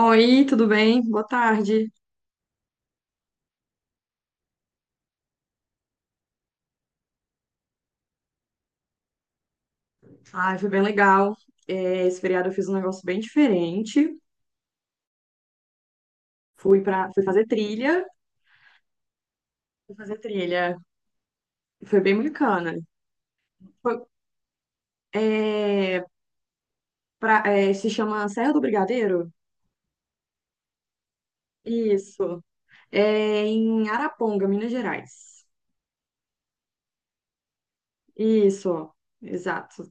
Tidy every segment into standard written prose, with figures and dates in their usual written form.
Oi, tudo bem? Boa tarde. Ai, foi bem legal. É, esse feriado eu fiz um negócio bem diferente. Fui fazer trilha. Fui fazer trilha. Foi bem bacana. Foi- é, se chama Serra do Brigadeiro? Isso. É em Araponga, Minas Gerais. Isso, exato.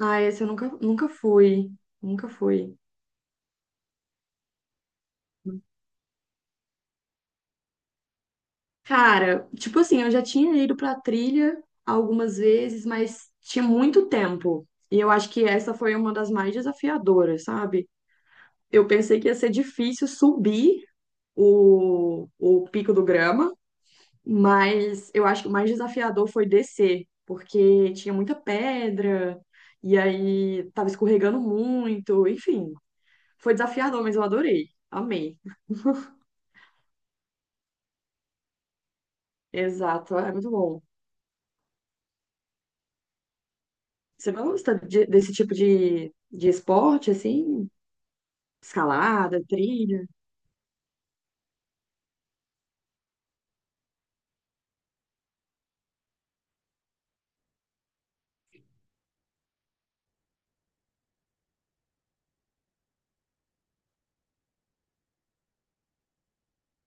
Ah, esse eu nunca fui. Nunca fui. Cara, tipo assim, eu já tinha ido pra trilha algumas vezes, mas tinha muito tempo. E eu acho que essa foi uma das mais desafiadoras, sabe? Eu pensei que ia ser difícil subir o Pico do Grama, mas eu acho que o mais desafiador foi descer, porque tinha muita pedra, e aí tava escorregando muito, enfim. Foi desafiador, mas eu adorei. Amei. Exato, é muito bom. Você gosta de- desse tipo de esporte, assim? Escalada, trilha?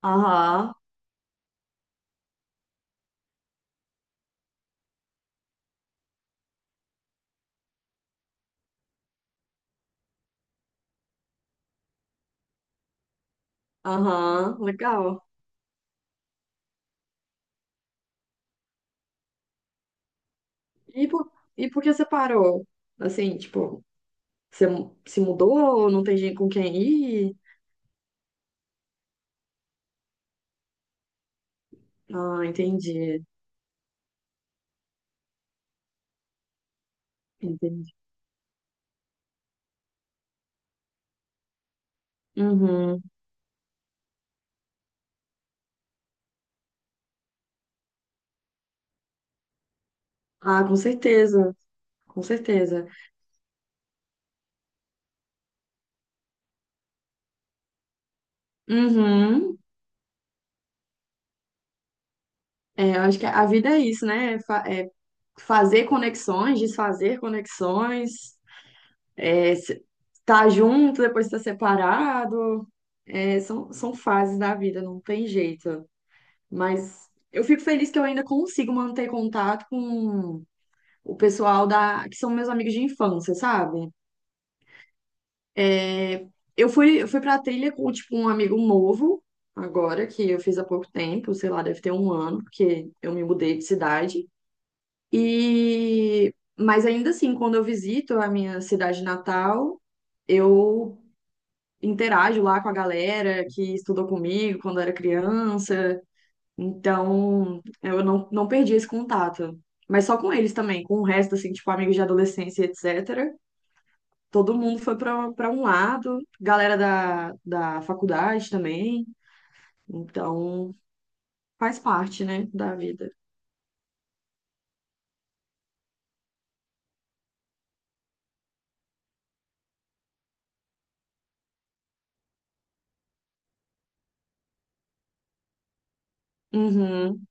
Aham, aham, legal. E por, e por que você parou? Assim, tipo, você mu- se mudou, não tem gente com quem ir? Ah, entendi, entendi. Uhum. Ah, com certeza, com certeza. Uhum. É, eu acho que a vida é isso, né? É fazer conexões, desfazer conexões. É, se- Tá junto, depois tá separado. São fases da vida, não tem jeito. Mas eu fico feliz que eu ainda consigo manter contato com o pessoal que são meus amigos de infância, sabe? É, eu fui pra trilha com, tipo, um amigo novo, agora, que eu fiz há pouco tempo, sei lá, deve ter um ano, porque eu me mudei de cidade. E... mas ainda assim, quando eu visito a minha cidade natal, eu interajo lá com a galera que estudou comigo quando era criança. Então, eu não, não perdi esse contato. Mas só com eles também, com o resto, assim, tipo, amigos de adolescência, etc. Todo mundo foi para um lado, galera da faculdade também. Então, faz parte, né, da vida. Uhum,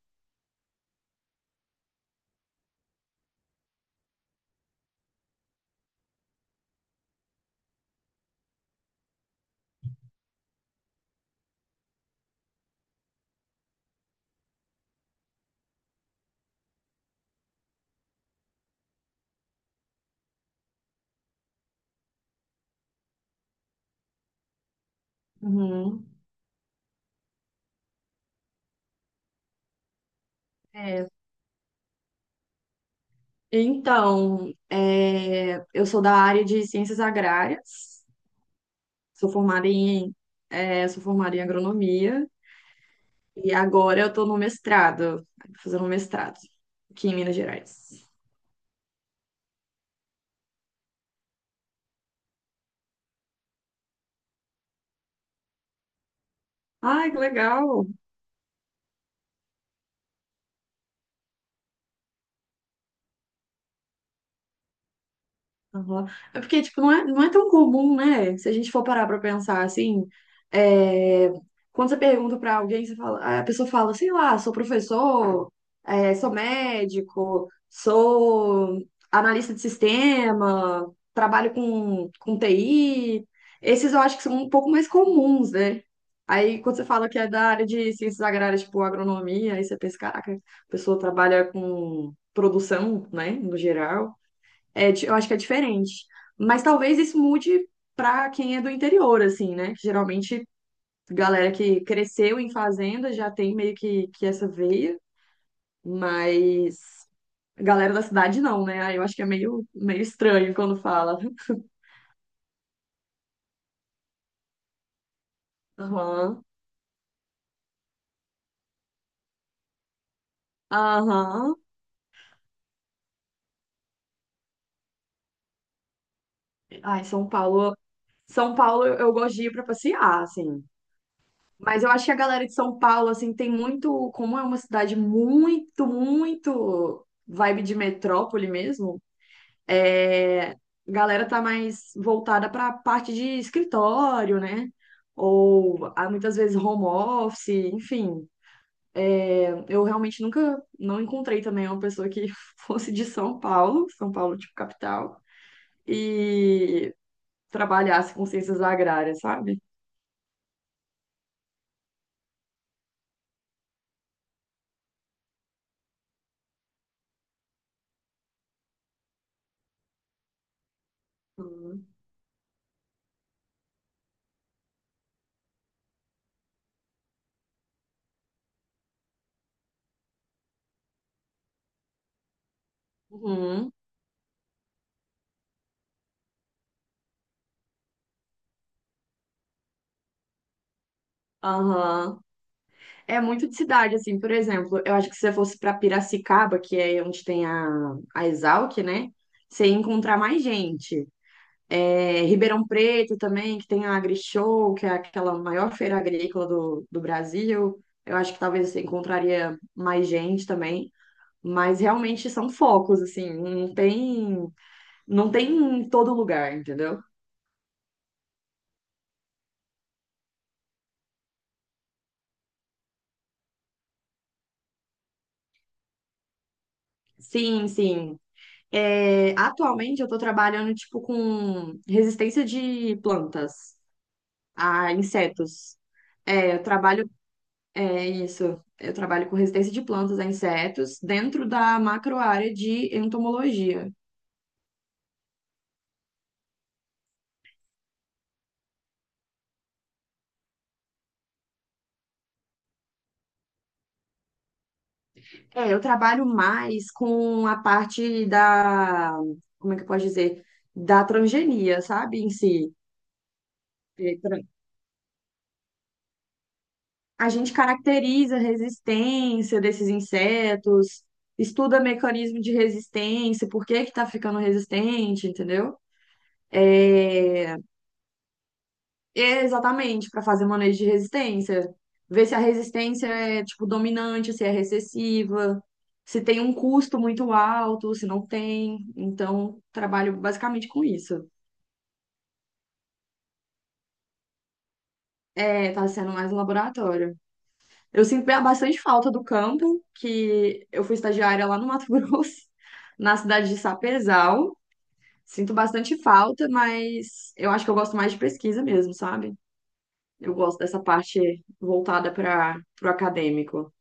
uhum. É. Então, é, eu sou da área de ciências agrárias, sou formada em, sou formada em agronomia. E agora eu tô no mestrado, fazendo um mestrado aqui em Minas Gerais. Ai, que legal! Aham. É porque, tipo, não é tão comum, né? Se a gente for parar pra pensar assim, é, quando você pergunta pra alguém, você fala, a pessoa fala, sei lá, sou professor, é, sou médico, sou analista de sistema, trabalho com TI. Esses eu acho que são um pouco mais comuns, né? Aí, quando você fala que é da área de ciências agrárias, tipo agronomia, aí você pensa, caraca, a pessoa trabalha com produção, né, no geral. É, di- eu acho que é diferente. Mas talvez isso mude para quem é do interior, assim, né? Que geralmente, galera que cresceu em fazenda já tem meio que essa veia, mas a galera da cidade não, né? Aí eu acho que é meio estranho quando fala. Aham, aham. Ai, São Paulo. São Paulo eu gosto de ir para passear, assim. Mas eu acho que a galera de São Paulo, assim, tem muito. Como é uma cidade muito vibe de metrópole mesmo. É, a galera tá mais voltada para a parte de escritório, né? Ou há muitas vezes home office, enfim. É, eu realmente nunca não encontrei também uma pessoa que fosse de São Paulo, São Paulo tipo capital, e trabalhasse com ciências agrárias, sabe? Uhum. Uhum. Aham. É muito de cidade, assim, por exemplo, eu acho que se você fosse para Piracicaba, que é onde tem a Exalc, né? Você ia encontrar mais gente. É, Ribeirão Preto também, que tem a AgriShow, que é aquela maior feira agrícola do Brasil. Eu acho que talvez você encontraria mais gente também, mas realmente são focos, assim, não tem em todo lugar, entendeu? Sim, sim. É, atualmente eu estou trabalhando, tipo, com resistência de plantas a insetos. É, eu trabalho É isso. Eu trabalho com resistência de plantas a insetos dentro da macroárea de entomologia. É, eu trabalho mais com a parte como é que eu posso dizer? Da transgenia, sabe, em si. É, tra- A gente caracteriza a resistência desses insetos, estuda mecanismo de resistência, por que que tá ficando resistente, entendeu? É, É, exatamente, para fazer manejo de resistência. Ver se a resistência é, tipo, dominante, se é recessiva, se tem um custo muito alto, se não tem. Então, trabalho basicamente com isso. É, tá sendo mais um laboratório. Eu sinto bastante falta do campo, que eu fui estagiária lá no Mato Grosso, na cidade de Sapezal. Sinto bastante falta, mas eu acho que eu gosto mais de pesquisa mesmo, sabe? Eu gosto dessa parte voltada para o acadêmico.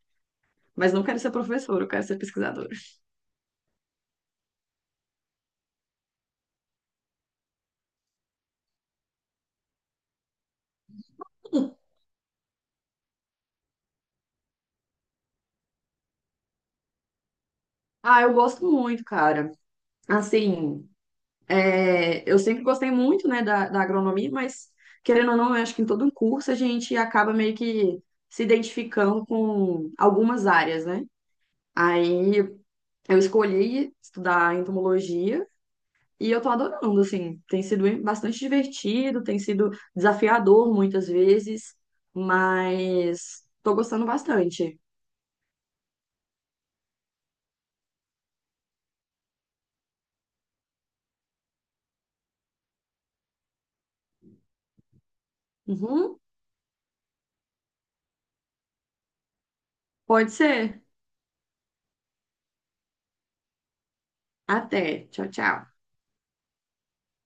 Mas não quero ser professora, eu quero ser pesquisadora. Ah, eu gosto muito, cara. Assim, é, eu sempre gostei muito, né, da agronomia, mas querendo ou não, eu acho que em todo um curso a gente acaba meio que se identificando com algumas áreas, né? Aí eu escolhi estudar entomologia e eu tô adorando, assim, tem sido bastante divertido, tem sido desafiador muitas vezes, mas tô gostando bastante. Uhum, pode ser. Até. Tchau, tchau.